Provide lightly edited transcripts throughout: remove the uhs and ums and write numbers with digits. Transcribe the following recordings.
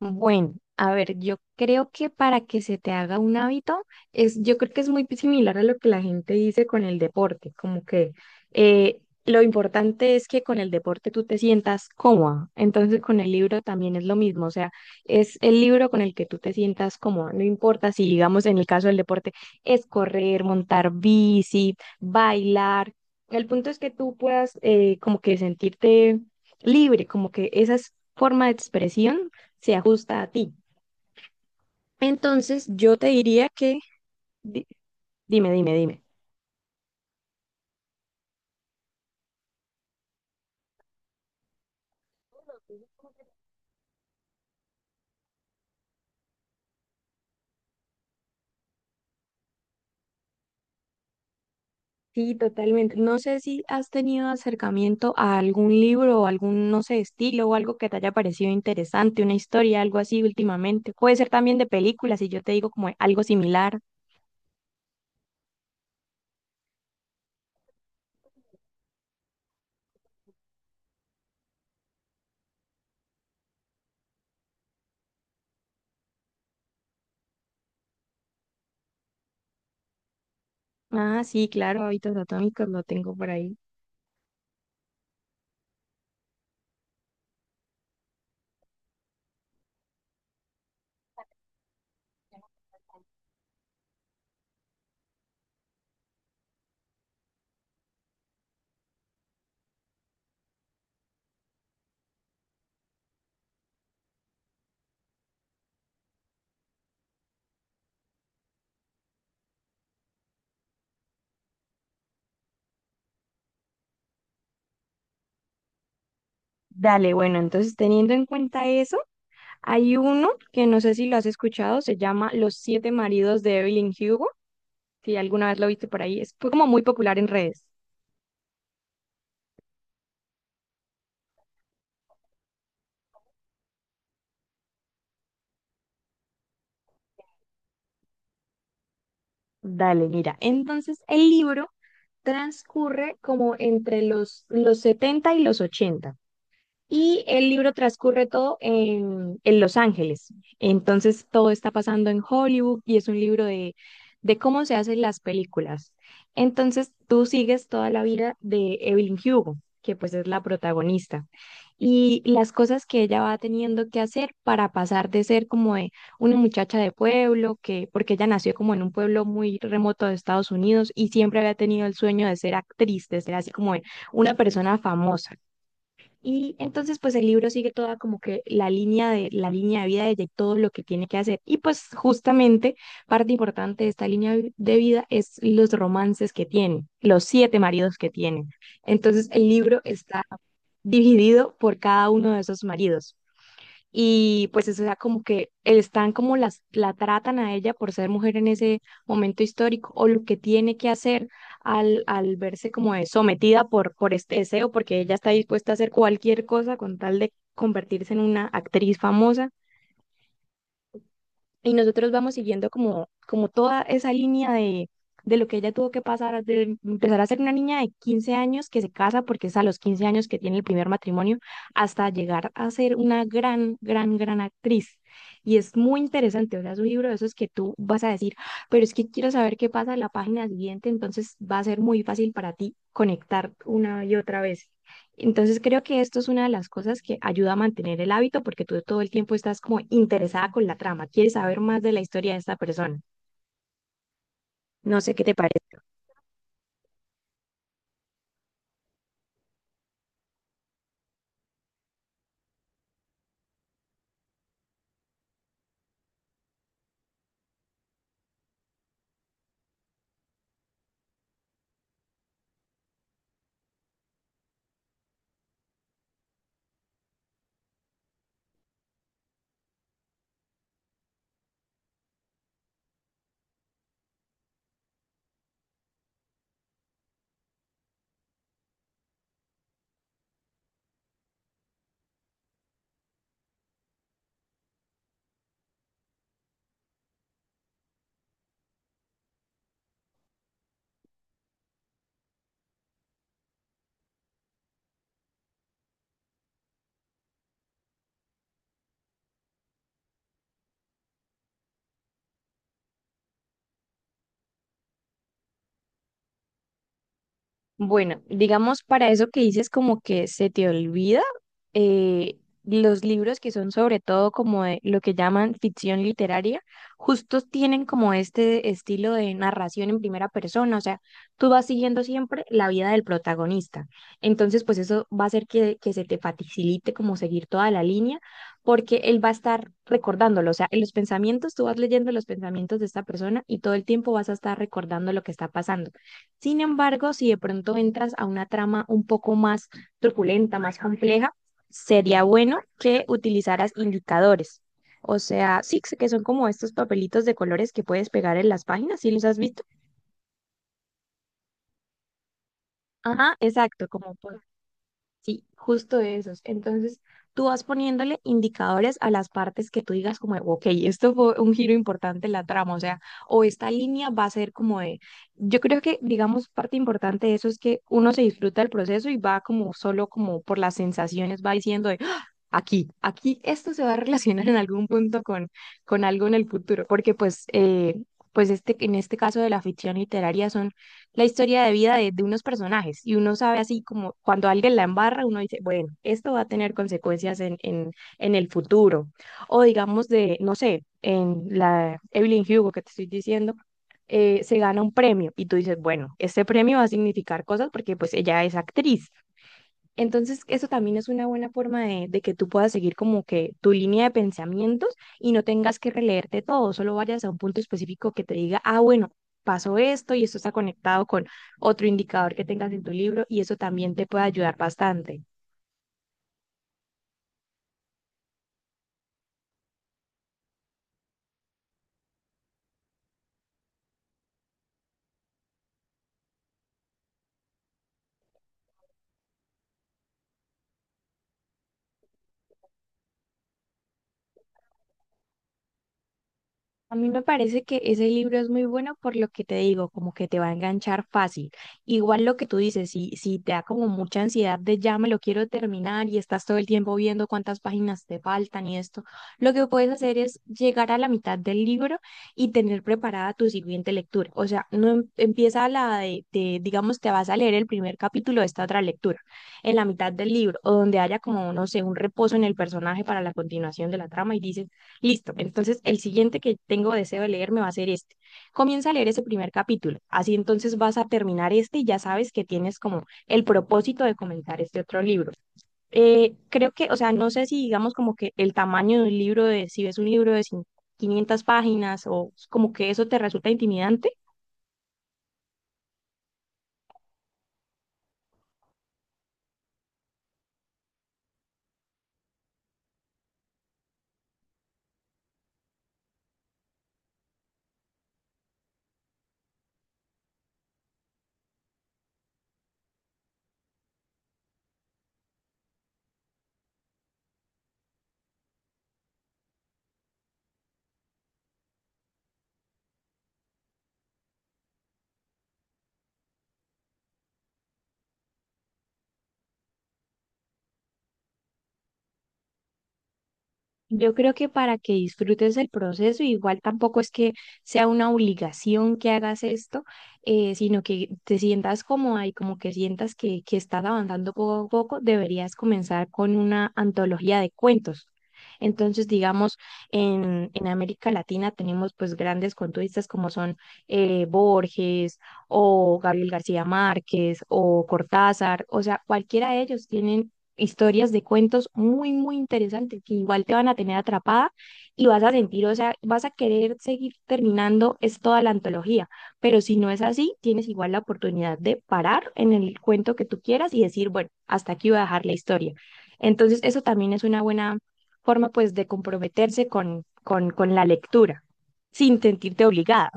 Bueno, a ver, yo creo que para que se te haga un hábito, yo creo que es muy similar a lo que la gente dice con el deporte, como que eh, lo importante es que con el deporte tú te sientas cómoda, entonces con el libro también es lo mismo, o sea, es el libro con el que tú te sientas cómoda, no importa si, digamos, en el caso del deporte es correr, montar bici, bailar, el punto es que tú puedas como que sentirte libre, como que esa es forma de expresión se ajusta a ti. Entonces, yo te diría que, di- dime, dime, dime. Sí, totalmente. No sé si has tenido acercamiento a algún libro o algún, no sé, estilo o algo que te haya parecido interesante, una historia, algo así últimamente. Puede ser también de películas, si yo te digo como algo similar. Ah, sí, claro, hábitos atómicos lo tengo por ahí. Dale, bueno, entonces teniendo en cuenta eso, hay uno que no sé si lo has escuchado, se llama Los siete maridos de Evelyn Hugo. Si alguna vez lo viste por ahí, es como muy popular en redes. Dale, mira. Entonces, el libro transcurre como entre los 70 y los 80. Y el libro transcurre todo en Los Ángeles. Entonces todo está pasando en Hollywood y es un libro de cómo se hacen las películas. Entonces tú sigues toda la vida de Evelyn Hugo, que pues es la protagonista, y las cosas que ella va teniendo que hacer para pasar de ser como de una muchacha de pueblo, que porque ella nació como en un pueblo muy remoto de Estados Unidos y siempre había tenido el sueño de ser actriz, de ser así como de una persona famosa. Y entonces, pues el libro sigue toda como que la línea de vida de ella y todo lo que tiene que hacer. Y pues justamente parte importante de esta línea de vida es los romances que tiene, los siete maridos que tiene. Entonces, el libro está dividido por cada uno de esos maridos. Y pues eso, o sea, como que están como la tratan a ella por ser mujer en ese momento histórico o lo que tiene que hacer al verse como de sometida por este deseo, porque ella está dispuesta a hacer cualquier cosa con tal de convertirse en una actriz famosa. Y nosotros vamos siguiendo como toda esa línea de lo que ella tuvo que pasar, de empezar a ser una niña de 15 años que se casa porque es a los 15 años que tiene el primer matrimonio, hasta llegar a ser una gran, gran, gran actriz. Y es muy interesante, o sea, es un libro de esos que tú vas a decir, pero es que quiero saber qué pasa en la página siguiente, entonces va a ser muy fácil para ti conectar una y otra vez. Entonces creo que esto es una de las cosas que ayuda a mantener el hábito porque tú todo el tiempo estás como interesada con la trama, quieres saber más de la historia de esta persona. No sé qué te parece. Bueno, digamos para eso que dices como que se te olvida, eh, los libros que son sobre todo como de lo que llaman ficción literaria, justos tienen como este estilo de narración en primera persona, o sea, tú vas siguiendo siempre la vida del protagonista. Entonces, pues eso va a hacer que, se te facilite como seguir toda la línea, porque él va a estar recordándolo, o sea, en los pensamientos, tú vas leyendo los pensamientos de esta persona y todo el tiempo vas a estar recordando lo que está pasando. Sin embargo, si de pronto entras a una trama un poco más truculenta, más compleja, sería bueno que utilizaras indicadores. O sea, sí, que son como estos papelitos de colores que puedes pegar en las páginas, ¿sí los has visto? Ajá, exacto, como por Sí, justo esos. Entonces, tú vas poniéndole indicadores a las partes que tú digas como, de, ok, esto fue un giro importante en la trama, o sea, o esta línea va a ser como de, yo creo que, digamos, parte importante de eso es que uno se disfruta del proceso y va como solo como por las sensaciones, va diciendo de, "Ah, aquí, aquí esto se va a relacionar en algún punto con algo en el futuro, porque pues, pues este, en este caso de la ficción literaria son la historia de vida de unos personajes y uno sabe así como cuando alguien la embarra, uno dice, bueno, esto va a tener consecuencias en el futuro. O digamos de, no sé, en la Evelyn Hugo que te estoy diciendo, se gana un premio y tú dices, bueno, este premio va a significar cosas porque pues ella es actriz. Entonces, eso también es una buena forma de que tú puedas seguir como que tu línea de pensamientos y no tengas que releerte todo, solo vayas a un punto específico que te diga, ah, bueno, pasó esto y esto está conectado con otro indicador que tengas en tu libro y eso también te puede ayudar bastante. A mí me parece que ese libro es muy bueno por lo que te digo, como que te va a enganchar fácil. Igual lo que tú dices, si te da como mucha ansiedad de ya me lo quiero terminar y estás todo el tiempo viendo cuántas páginas te faltan y esto, lo que puedes hacer es llegar a la mitad del libro y tener preparada tu siguiente lectura. O sea, no empieza la de, digamos, te vas a leer el primer capítulo de esta otra lectura, en la mitad del libro, o donde haya como, no sé, un reposo en el personaje para la continuación de la trama y dices Listo. Entonces, el siguiente que tengo deseo de leerme va a ser este. Comienza a leer ese primer capítulo. Así entonces vas a terminar este y ya sabes que tienes como el propósito de comenzar este otro libro. Creo que, o sea, no sé si digamos como que el tamaño de un libro, de, si ves un libro de 500 páginas o como que eso te resulta intimidante. Yo creo que para que disfrutes el proceso, igual tampoco es que sea una obligación que hagas esto, sino que te sientas cómoda y como que sientas que, estás avanzando poco a poco, deberías comenzar con una antología de cuentos. Entonces, digamos, en América Latina tenemos pues grandes cuentistas como son Borges o Gabriel García Márquez o Cortázar, o sea, cualquiera de ellos tienen historias de cuentos muy, muy interesantes que igual te van a tener atrapada y vas a sentir, o sea, vas a querer seguir terminando, es toda la antología, pero si no es así, tienes igual la oportunidad de parar en el cuento que tú quieras y decir, bueno, hasta aquí voy a dejar la historia. Entonces, eso también es una buena forma, pues, de comprometerse con la lectura sin sentirte obligada.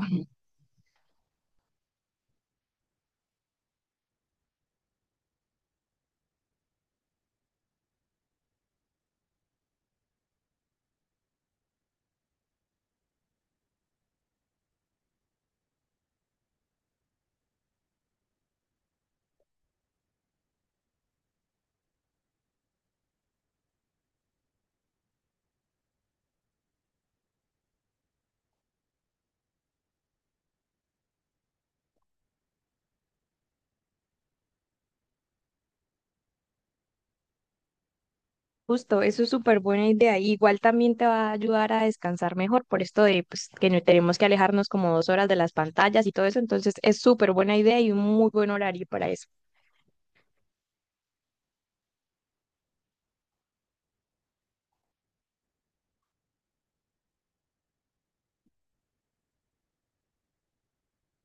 Justo, eso es súper buena idea. Y igual también te va a ayudar a descansar mejor por esto de pues, que no tenemos que alejarnos como 2 horas de las pantallas y todo eso. Entonces es súper buena idea y un muy buen horario para eso.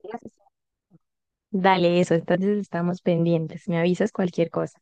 Gracias. Dale eso, entonces estamos pendientes. Me avisas cualquier cosa.